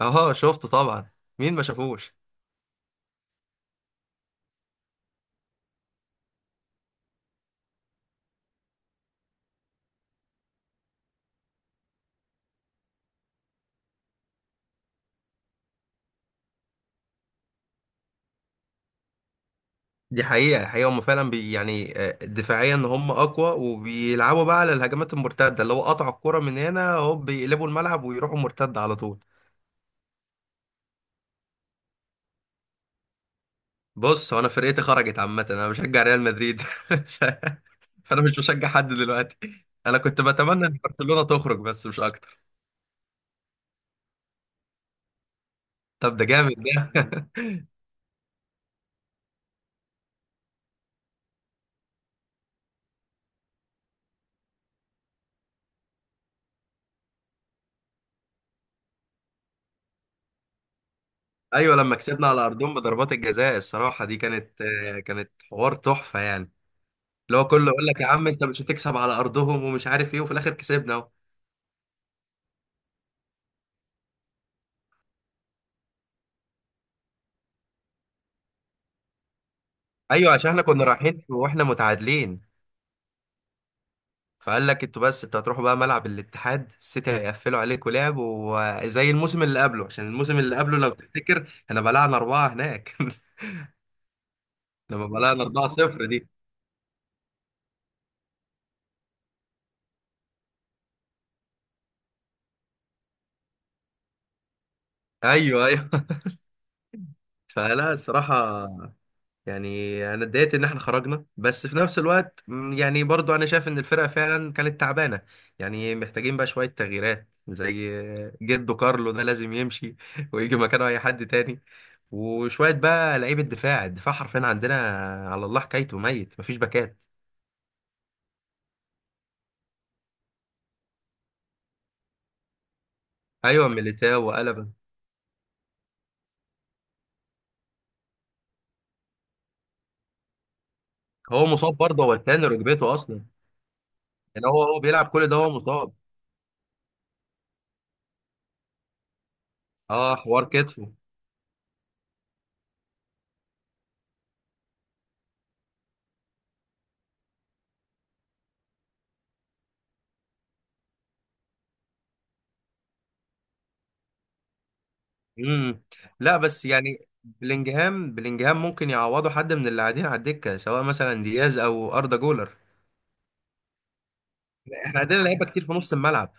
اه، شفته طبعا. مين ما شافوش؟ دي حقيقة حقيقة هم فعلا يعني دفاعيا هم أقوى وبيلعبوا بقى على الهجمات المرتدة اللي هو قطعوا الكرة من هنا هوب بيقلبوا الملعب ويروحوا مرتد على طول. بص، هو أنا فرقتي خرجت عامة، أنا بشجع ريال مدريد فأنا مش بشجع حد دلوقتي. أنا كنت بتمنى إن برشلونة تخرج بس مش أكتر. طب ده جامد ده أيوة، لما كسبنا على أرضهم بضربات الجزاء الصراحة دي كانت حوار تحفة يعني. اللي هو كله يقول لك يا عم انت مش هتكسب على ارضهم ومش عارف ايه، وفي الاخر كسبنا اهو. ايوه، عشان احنا كنا رايحين واحنا متعادلين، فقال لك انتوا، بس انتوا هتروحوا بقى ملعب الاتحاد السيتي هيقفلوا عليكم لعب، وزي الموسم اللي قبله، عشان الموسم اللي قبله لو تفتكر احنا بلعنا 4 هناك لما بلعنا 4-0 دي. ايوه، ايوه. فلا الصراحه، يعني انا اتضايقت ان احنا خرجنا، بس في نفس الوقت يعني برضو انا شايف ان الفرقه فعلا كانت تعبانه، يعني محتاجين بقى شويه تغييرات، زي جدو كارلو ده لازم يمشي ويجي مكانه اي حد تاني، وشويه بقى لعيبه دفاع. الدفاع حرفيا عندنا على الله حكايته، ميت، مفيش باكات. ايوه، ميليتاو وقلبه. هو مصاب برضه، هو التاني ركبته اصلا. يعني هو بيلعب كل ده هو مصاب. اه، حوار كتفه. امم. لا، بس يعني بلينجهام ممكن يعوضه حد من اللي قاعدين على الدكه، سواء مثلا دياز او اردا جولر. احنا عندنا لعيبه كتير في نص الملعب.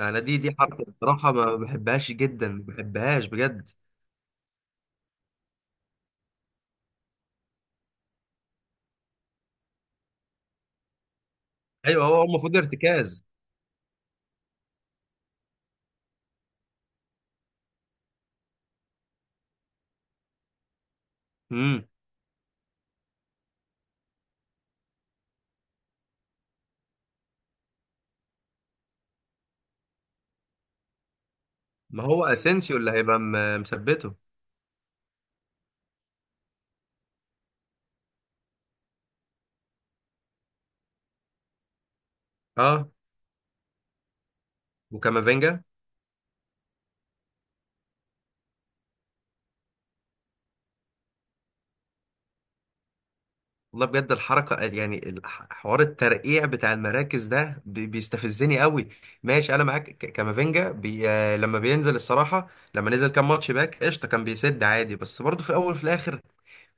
انا دي حركه بصراحه ما بحبهاش جدا، ما بحبهاش بجد. ايوه، هو المفروض ارتكاز. امم. ما هو اسينسيو اللي هيبقى مثبته. اه، وكامافينجا. والله بجد الحركة، يعني حوار الترقيع بتاع المراكز ده بيستفزني قوي. ماشي، انا معاك، كامافينجا بي آه، لما بينزل الصراحة، لما نزل كام ماتش باك قشطة كان بيسد عادي، بس برضه في الاول وفي الاخر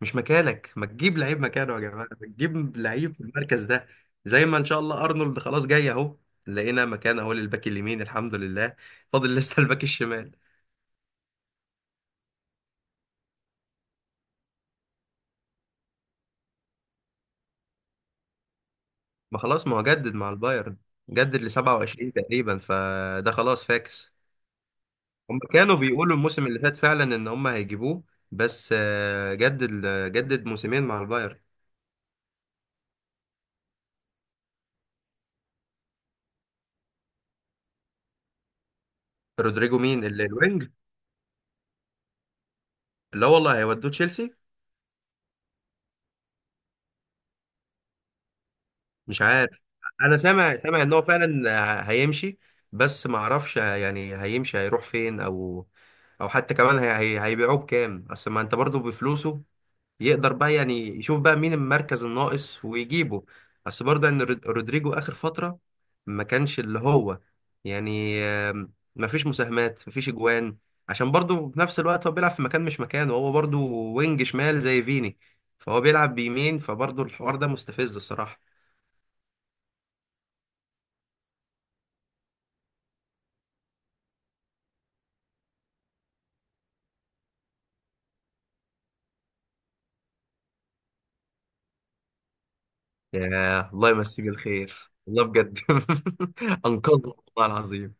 مش مكانك، ما تجيب لعيب مكانه يا جماعة، ما تجيب لعيب في المركز ده. زي ما ان شاء الله ارنولد خلاص جاي اهو، لقينا مكان اهو للباك اليمين الحمد لله. فاضل لسه الباك الشمال. ما خلاص، ما هو جدد مع البايرن، جدد ل 27 تقريبا، فده خلاص فاكس. هم كانوا بيقولوا الموسم اللي فات فعلا ان هم هيجيبوه، بس جدد، جدد موسمين مع البايرن. رودريجو؟ مين اللي الوينج؟ لا والله هيودوه تشيلسي. مش عارف. انا سامع ان هو فعلا هيمشي، بس ما اعرفش يعني هيمشي هيروح فين، او او حتى كمان هيبيعوه بكام، اصل ما انت برضو بفلوسه يقدر بقى يعني يشوف بقى مين المركز الناقص ويجيبه. بس برضه ان رودريجو اخر فترة ما كانش اللي هو، يعني ما فيش مساهمات، ما فيش اجوان، عشان برضه في نفس الوقت هو بيلعب في مكان مش مكانه، هو برضه وينج شمال زي فيني، فهو بيلعب بيمين، فبرضه الحوار ده مستفز الصراحة. يا الله يمسيه بالخير، والله بجد انقذنا والله العظيم.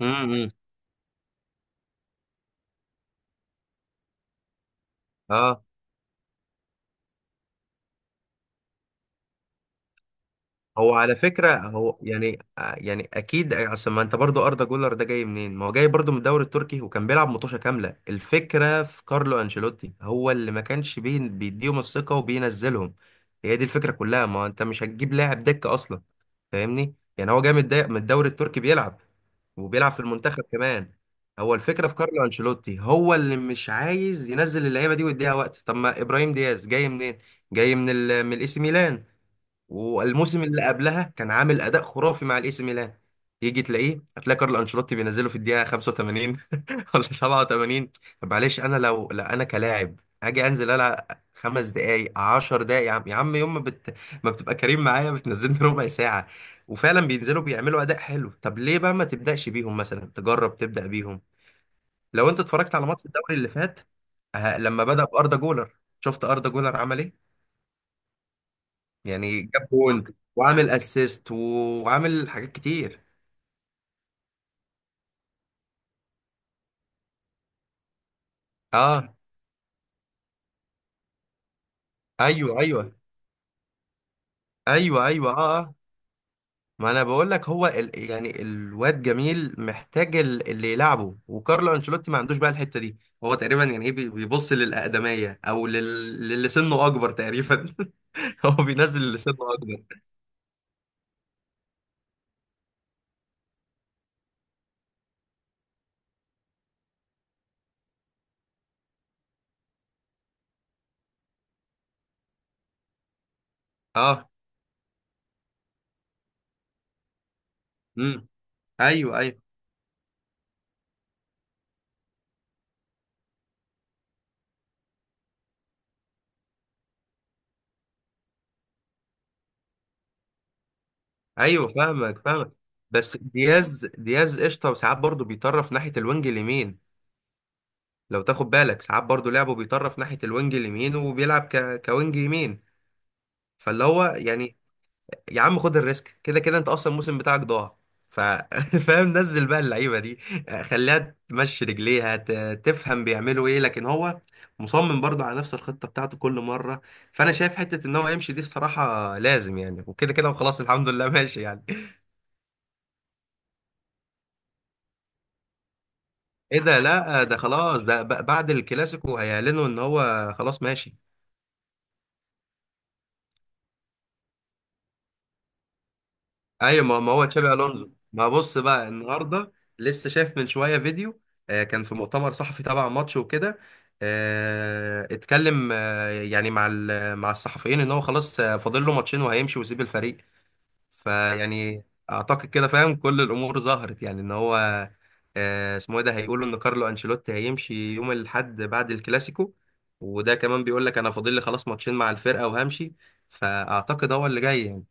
امم. اه. هو على فكرة، يعني يعني أكيد، أصل ما أنت برضو أردا جولر ده جاي منين؟ ما هو جاي برضو من الدوري التركي وكان بيلعب مطوشة كاملة، الفكرة في كارلو أنشيلوتي هو اللي ما كانش بيديهم الثقة وبينزلهم، هي دي الفكرة كلها، ما هو أنت مش هتجيب لاعب دكة أصلا. فاهمني؟ يعني هو جاي من من الدوري التركي بيلعب وبيلعب في المنتخب كمان. هو الفكرة في كارلو أنشيلوتي هو اللي مش عايز ينزل اللعيبة دي ويديها وقت. طب ما إبراهيم دياز جاي منين؟ جاي من الإي سي ميلان، والموسم اللي قبلها كان عامل اداء خرافي مع الاي سي ميلان. يجي تلاقيه هتلاقي كارل انشيلوتي بينزله في الدقيقه 85 ولا 87. طب معلش، انا لو لا انا كلاعب اجي انزل العب 5 دقايق، 10 دقايق، يا عم يا عم، يوم ما, بت... ما بتبقى كريم معايا بتنزلني ربع ساعه، وفعلا بينزلوا بيعملوا اداء حلو. طب ليه بقى ما تبداش بيهم مثلا؟ تجرب تبدا بيهم. لو انت اتفرجت على ماتش الدوري اللي فات لما بدا باردا جولر، شفت اردا جولر عمل ايه؟ يعني جاب بوينت، وعامل اسيست، وعامل حاجات كتير. اه، ايوه، ايوه، ايوه، ايوه، اه، اه. ما انا بقول لك، هو يعني الواد جميل محتاج اللي يلعبه، وكارلو انشيلوتي ما عندوش بقى الحته دي. هو تقريبا يعني ايه بيبص للاقدميه، او للي سنه اكبر تقريبا هو بينزل اللي سنه اكبر. اه، امم، ايوه، ايوه، ايوه، فاهمك فاهمك. بس دياز قشطه، وساعات برضه بيطرف ناحيه الوينج اليمين. لو تاخد بالك ساعات برضو لعبه بيطرف ناحية الوينج اليمين وبيلعب كوينج يمين. فاللي هو يعني، يا عم خد الريسك، كده كده انت اصلا الموسم بتاعك ضاع ف... فاهم، نزل بقى اللعيبة دي، خليها تمشي رجليها تفهم بيعملوا ايه، لكن هو مصمم برضو على نفس الخطة بتاعته كل مرة. فانا شايف حتة ان هو يمشي دي الصراحة لازم يعني، وكده كده وخلاص الحمد لله ماشي يعني. ايه ده؟ لا ده خلاص، ده بعد الكلاسيكو هيعلنوا ان هو خلاص ماشي. ايوه، ما هو تشابي الونزو، ما بص بقى النهارده. لسه شايف من شويه فيديو، كان في مؤتمر صحفي تبع ماتش وكده، اتكلم يعني مع مع الصحفيين ان هو خلاص فاضل له ماتشين وهيمشي ويسيب الفريق، فيعني اعتقد كده، فاهم كل الامور ظهرت يعني ان هو اسمه ايه ده، هيقولوا ان كارلو انشيلوتي هيمشي يوم الاحد بعد الكلاسيكو، وده كمان بيقول لك انا فاضل لي خلاص ماتشين مع الفرقه وهمشي. فاعتقد هو اللي جاي يعني.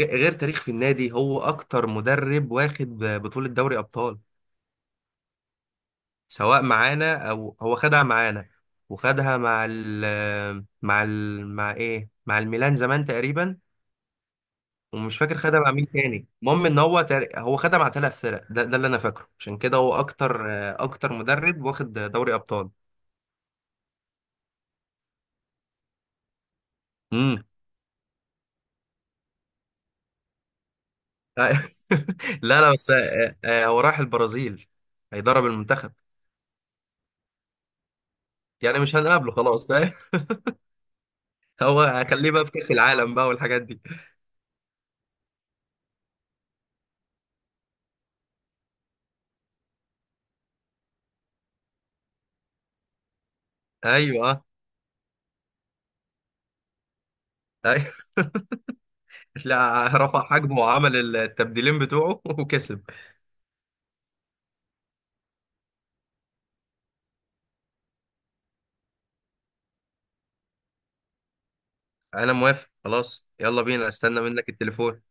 غير تاريخ في النادي، هو اكتر مدرب واخد بطولة دوري ابطال، سواء معانا او هو خدها معانا، وخدها مع ال مع ال مع ايه مع الميلان زمان تقريبا، ومش فاكر خدها مع مين تاني. المهم ان هو خدها مع 3 فرق، ده اللي انا فاكره، عشان كده هو اكتر مدرب واخد دوري ابطال. امم. لا لا، بس هو راح البرازيل هيدرب المنتخب، يعني مش هنقابله خلاص فاهم هو هخليه بقى في كأس العالم بقى والحاجات دي. ايوه، ايوه. لا، رفع حجمه وعمل التبديلين بتوعه وكسب. انا موافق، خلاص، يلا بينا، استنى منك التليفون.